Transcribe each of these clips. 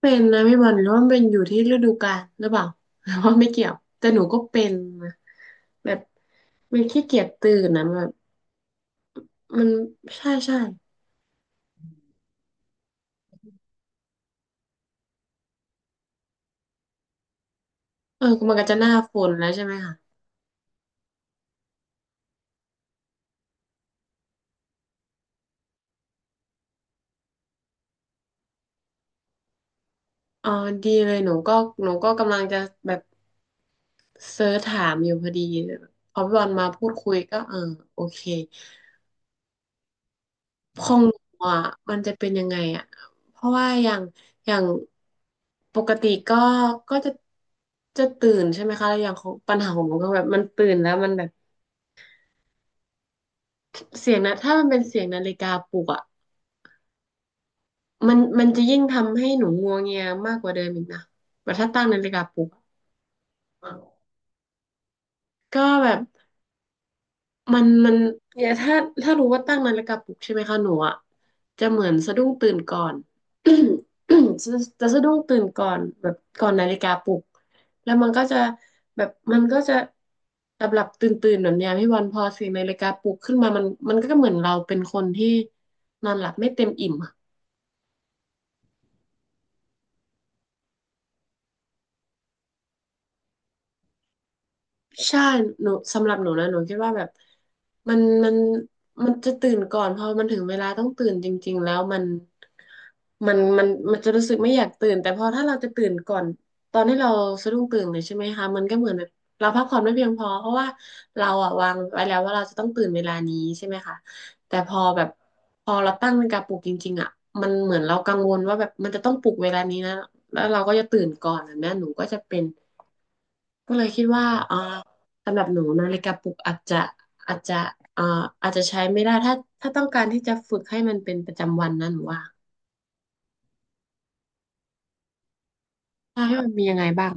เป็นนะพี่บอลหรือว่ามันเป็นอยู่ที่ฤดูกาลหรือเปล่าหรือ ว่าไม่เกี่ยวแต่หนูก็เป็นนะแบบมันขี้เกียจตื่นนะแบบมันใช่ใช่เออมันก็จะหน้าฝนแล้วใช่ไหมคะอ๋อดีเลยหนูก็หนูก็กำลังจะแบบเซิร์ชถามอยู่พอดีพอพี่บอลมาพูดคุยก็เออโอเค ของหนูอ่ะมันจะเป็นยังไงอ่ะเพราะว่าอย่างอย่างปกติก็ก็จะจะตื่นใช่ไหมคะแล้วอย่างของปัญหาของหนูก็แบบมันตื่นแล้วมันแบบเสียงนะถ้ามันเป็นเสียงนาฬิกาปลุกอ่ะมันจะยิ่งทำให้หนูงัวเงียมากกว่าเดิมอีกนะแบบถ้าตั้งนาฬิกาปลุกอะก็แบบ มันเนี่ยถ้ารู้ว่าตั้งนาฬิกาปลุกใช่ไหมคะหนูอ่ะจะเหมือนสะดุ้งตื่นก่อน จะจะสะดุ้งตื่นก่อนแบบก่อนนาฬิกาปลุกแล้วมันก็จะแบบมันก็จะหลับหลับตื่นตื่นแบบเนี้ยพี่วันพอเสียงนาฬิกาปลุกขึ้นมามันก็เหมือนเราเป็นคนที่นอนหลับไม่เต็มอิ่มอะ ใช่หนูสำหรับหนูนะหนูคิดว่าแบบมันมันมันจะตื่นก่อนพอมันถึงเวลาต้องตื่นจริงๆแล้วมันมันจะรู้สึกไม่อยากตื่นแต่พอถ้าเราจะตื่นก่อนตอนที่เราสะดุ้งตื่นเลยใช่ไหมคะมันก็เหมือนแบบเราพักผ่อนไม่เพียงพอเพราะว่าเราอะวางไว้แล้วว่าเราจะต้องตื่นเวลานี้ใช่ไหมคะแต่พอแบบพอเราตั้งนาฬิกาปลุกจริงๆอะมันเหมือนเรากังวลว่าแบบมันจะต้องปลุกเวลานี้นะแล้วเราก็จะตื่นก่อนแบบนี้หนูก็จะเป็น ก็เลยคิดว่าสำหรับหนูนาฬิกาปลุกอาจจะอาจจะเอ่ออาจจะใช้ไม่ได้ถ้าต้องการที่จะฝึกให้มันเป็นประจำวันนะหนูว่าใช่ให้มันมียังไงบ้าง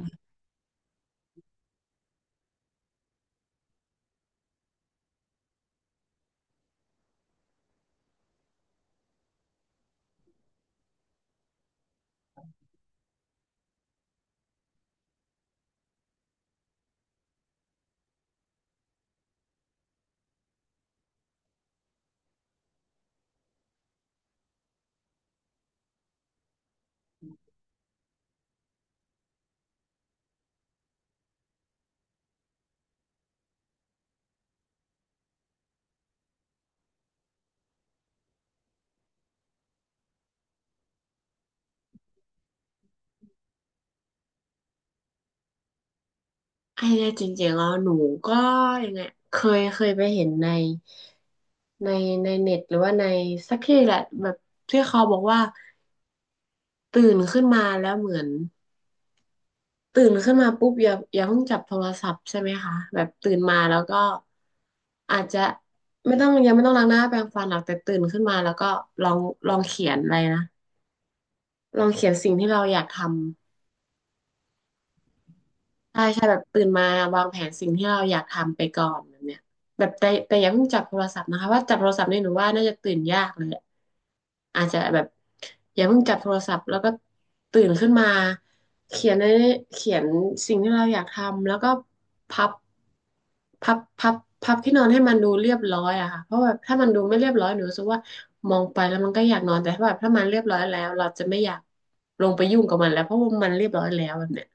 ไอ้เนียจริงๆแล้วหนูก็ยังไงเคยเคยไปเห็นในในในเน็ตหรือว่าในสักที่แหละแบบที่เขาบอกว่าตื่นขึ้นมาแล้วเหมือน ตื่นขึ้นมาปุ๊บอย่าเพิ่งจับโทรศัพท์ใช่ไหมคะแบบตื่นมาแล้วก็อาจจะไม่ต้องยังไม่ต้องล้างหน้าแปรงฟันหรอกแต่ตื่นขึ้นมาแล้วก็ลองลองเขียนอะไรนะลองเขียนสิ่งที่เราอยากทำ ใช่ใช่แบบตื่นมาวางแผนสิ่งที่เราอยากทำไปก่อนแบบเนี้ยแบบแต่อย่าเพิ่งจับโทรศัพท์นะคะว่าจับโทรศัพท์เนี่ยหนูว่าน่าจะตื่นยากเลยละอาจจะแบบอย่าเพิ่งจับโทรศัพท์แล้วก็ตื่นขึ้นมาเขียนในเขียนสิ่งที่เราอยากทำแล้วก็พับพับพับที่นอนให้มันดูเรียบร้อยอะค่ะเพราะแบบถ้ามันดูไม่เรียบร้อยหนูรู้สึกว่ามองไปแล้วมันก็อยากนอนแต่ถ้าแบบถ้ามันเรียบร้อยแล้วเราจะไม่อยากลงไปยุ่งกับมันแล้วเพราะว่ามันเรียบร้อยแล้วแบบเนี้ย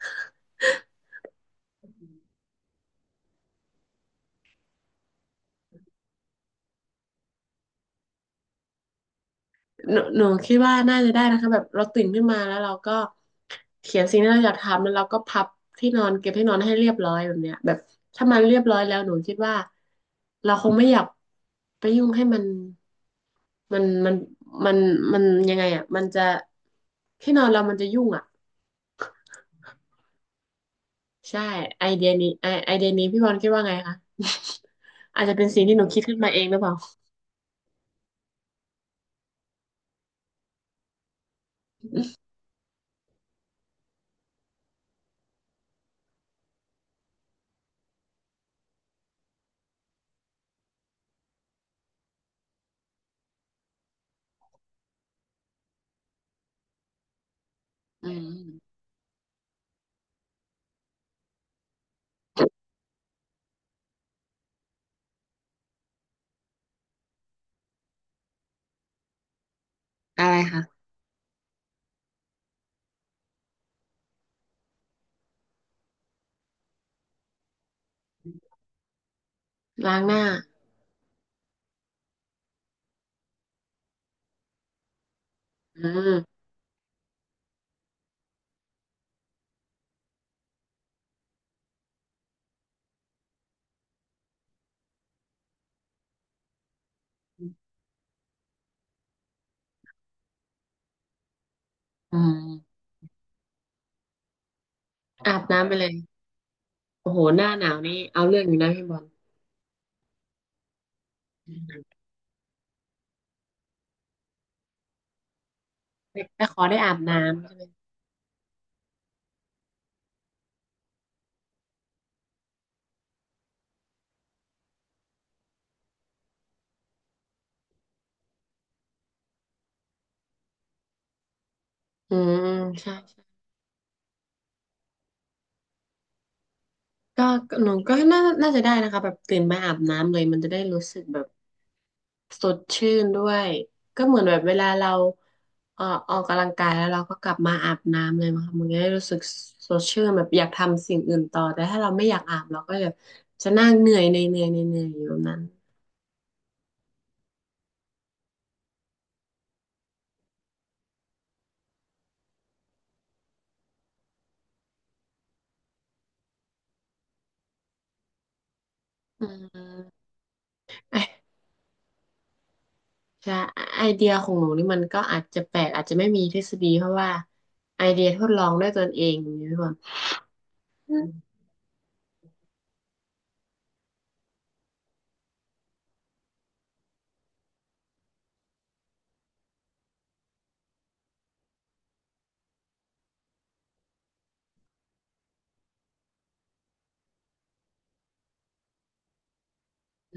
หนูคิดว่าน่าจะได้นะคะแบบเราตื่นขึ้นมาแล้วเราก็เขียนสิ่งที่เราอยากทำแล้วเราก็พับที่นอนเก็บที่นอนให้เรียบร้อยแบบเนี้ยแบบถ้ามันเรียบร้อยแล้วหนูคิดว่าเราคงไม่อยากไปยุ่งให้มันมันมันมันยังไงอ่ะมันจะที่นอนเรามันจะยุ่งอ่ะใช่ไอเดียนี้ไอไอเดียนี้พี่บอลคิดว่าไงคะ อาจจะเป็นสิ่งที่หนูคิดขึ้นมาเองหรือเปล่าอืมอะไรคะล้างหน้าอืมอืมอาบน้ำไปเลย โอ้โหหน้าหนาวนี่เอาเรื่องอยู่นะพี่บอลแต่ขอได้อาบน้ำใช่ไหมอืมใช่ใช่ก็หนูก็น่าจะได้นะคะแบบตื่นมาอาบน้ำเลยมันจะได้รู้สึกแบบสดชื่นด้วยก็เหมือนแบบเวลาเราเอ่อออกกำลังกายแล้วเราก็กลับมาอาบน้ำเลยมั้งคะมันจะได้รู้สึกสดชื่นแบบอยากทำสิ่งอื่นต่อแต่ถ้าเราไม่อยากอาบเราก็จะจะนั่งเหนื่อยในเหนื่อยในเหนื่อยอยู่นั้นอืม ใช่ไอเดียของหนูนี่มันก็อาจจะแปลกอาจจะไม่มีทฤษฎีเพราะว่าไอเดียทดลองด้วยตนเองอย่างนี้พี่บอลอ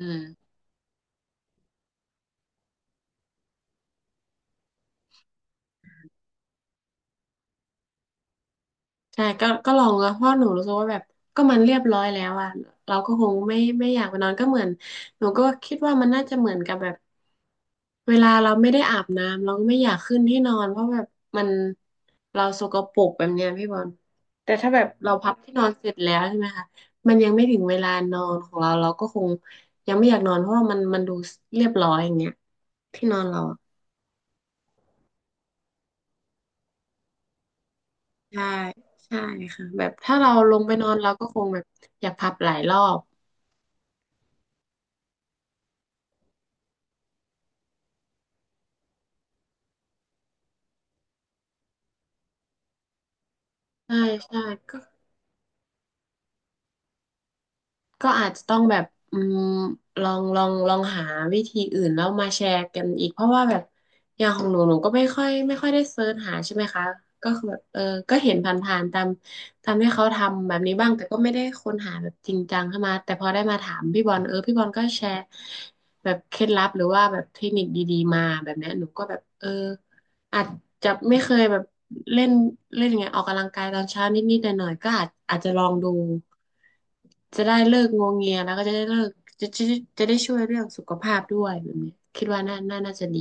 ืม ใช่ก็ลองนะเพราะหนูรู้สึกว่าแบบก็มันเรียบร้อยแล้วอ่ะเราก็คงไม่อยากไปนอนก็เหมือนหนูก็คิดว่ามันน่าจะเหมือนกับแบบเวลาเราไม่ได้อาบน้ำเราก็ไม่อยากขึ้นที่นอนเพราะแบบมันเราสกปรกแบบเนี้ยพี่บอลแต่ถ้าแบบเราพับที่นอนเสร็จแล้วใช่ไหมคะมันยังไม่ถึงเวลานอนของเราเราก็คงยังไม่อยากนอนเพราะว่ามันดูเรียบร้อยอย่างเงี้ยที่นอนเราอะใช่ใช่ค่ะแบบถ้าเราลงไปนอนเราก็คงแบบอยากพับหลายรอบ ใช่ใช่ก็ก็อาจจะต้องแบบอืมลองหาวิธีอื่นแล้วมาแชร์กันอีกเพราะว่าแบบอย่างของหนูก็ไม่ค่อยได้เซิร์ชหาใช่ไหมคะก็คือแบบก็เห็นผ่านๆตามที่เขาทำแบบนี้บ้างแต่ก็ไม่ได้ค้นหาแบบจริงจังเข้ามาแต่พอได้มาถามพี่บอลพี่บอลก็แชร์แบบเคล็ดลับหรือว่าแบบเทคนิคดีๆมาแบบเนี้ยหนูก็แบบอาจจะไม่เคยแบบเล่นเล่นอย่างเงี้ยออกกำลังกายตอนเช้านิดๆหน่อยๆก็อาจจะลองดูจะได้เลิกงวงเงียแล้วก็จะได้เลิกจะจะได้ช่วยเรื่องสุขภาพด้วยแบบนี้คิดว่าน่าจะดี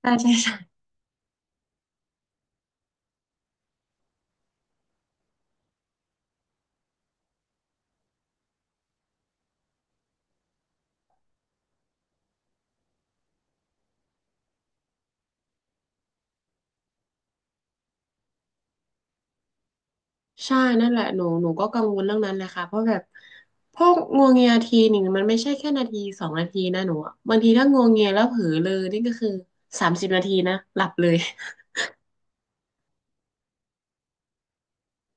ใช่ใช่ใช่ใช่นั่นแหละหนูก็กังวลเรื่องนั้นเลยค่ะเพราะแบบพวกงวงเงียทีหนึ่งมันไม่ใช่แค่นาที2 นาทีนะหนูอะบางทีถ้างวงเงียแล้วเผลอเลยนี่ก็คือ30 นาทีนะหลับเลย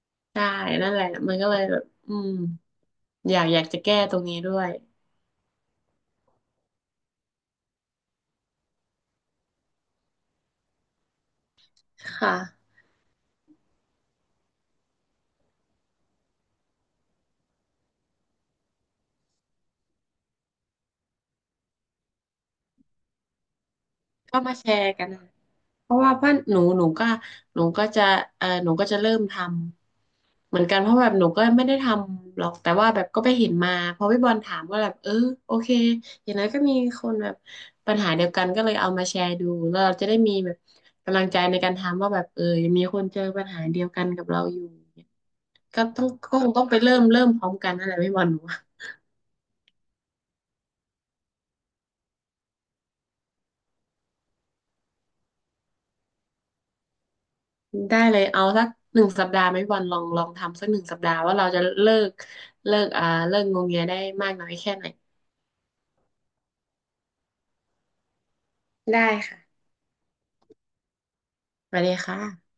ใช่นั่นแหละมันก็เลยแบบอยากจะแก้ตรงนี้ด้วยค่ะก็มาแชร์กันนะเพราะว่าเพื่อนหนูหนูก็จะหนูก็จะเริ่มทำเหมือนกันเพราะแบบหนูก็ไม่ได้ทำหรอกแต่ว่าแบบก็ไปเห็นมาพอพี่บอลถามก็แบบโอเคอย่างน้นก็มีคนแบบปัญหาเดียวกันก็เลยเอามาแชร์ดูแล้วเราจะได้มีแบบกำลังใจในการทำว่าแบบยังมีคนเจอปัญหาเดียวกันกับเราอยู่ก็คงต้องไปเริ่มพร้อมกันนั่นแหละพี่บอลหนู ได้เลยเอาสักหนึ่งสัปดาห์ไหมวันลองทำสักหนึ่งสัปดาห์ว่าเราจะเลิกเลิกงงเงียได้มากน้อยแค่ไหนได้ค่ะไปเลยค่ะ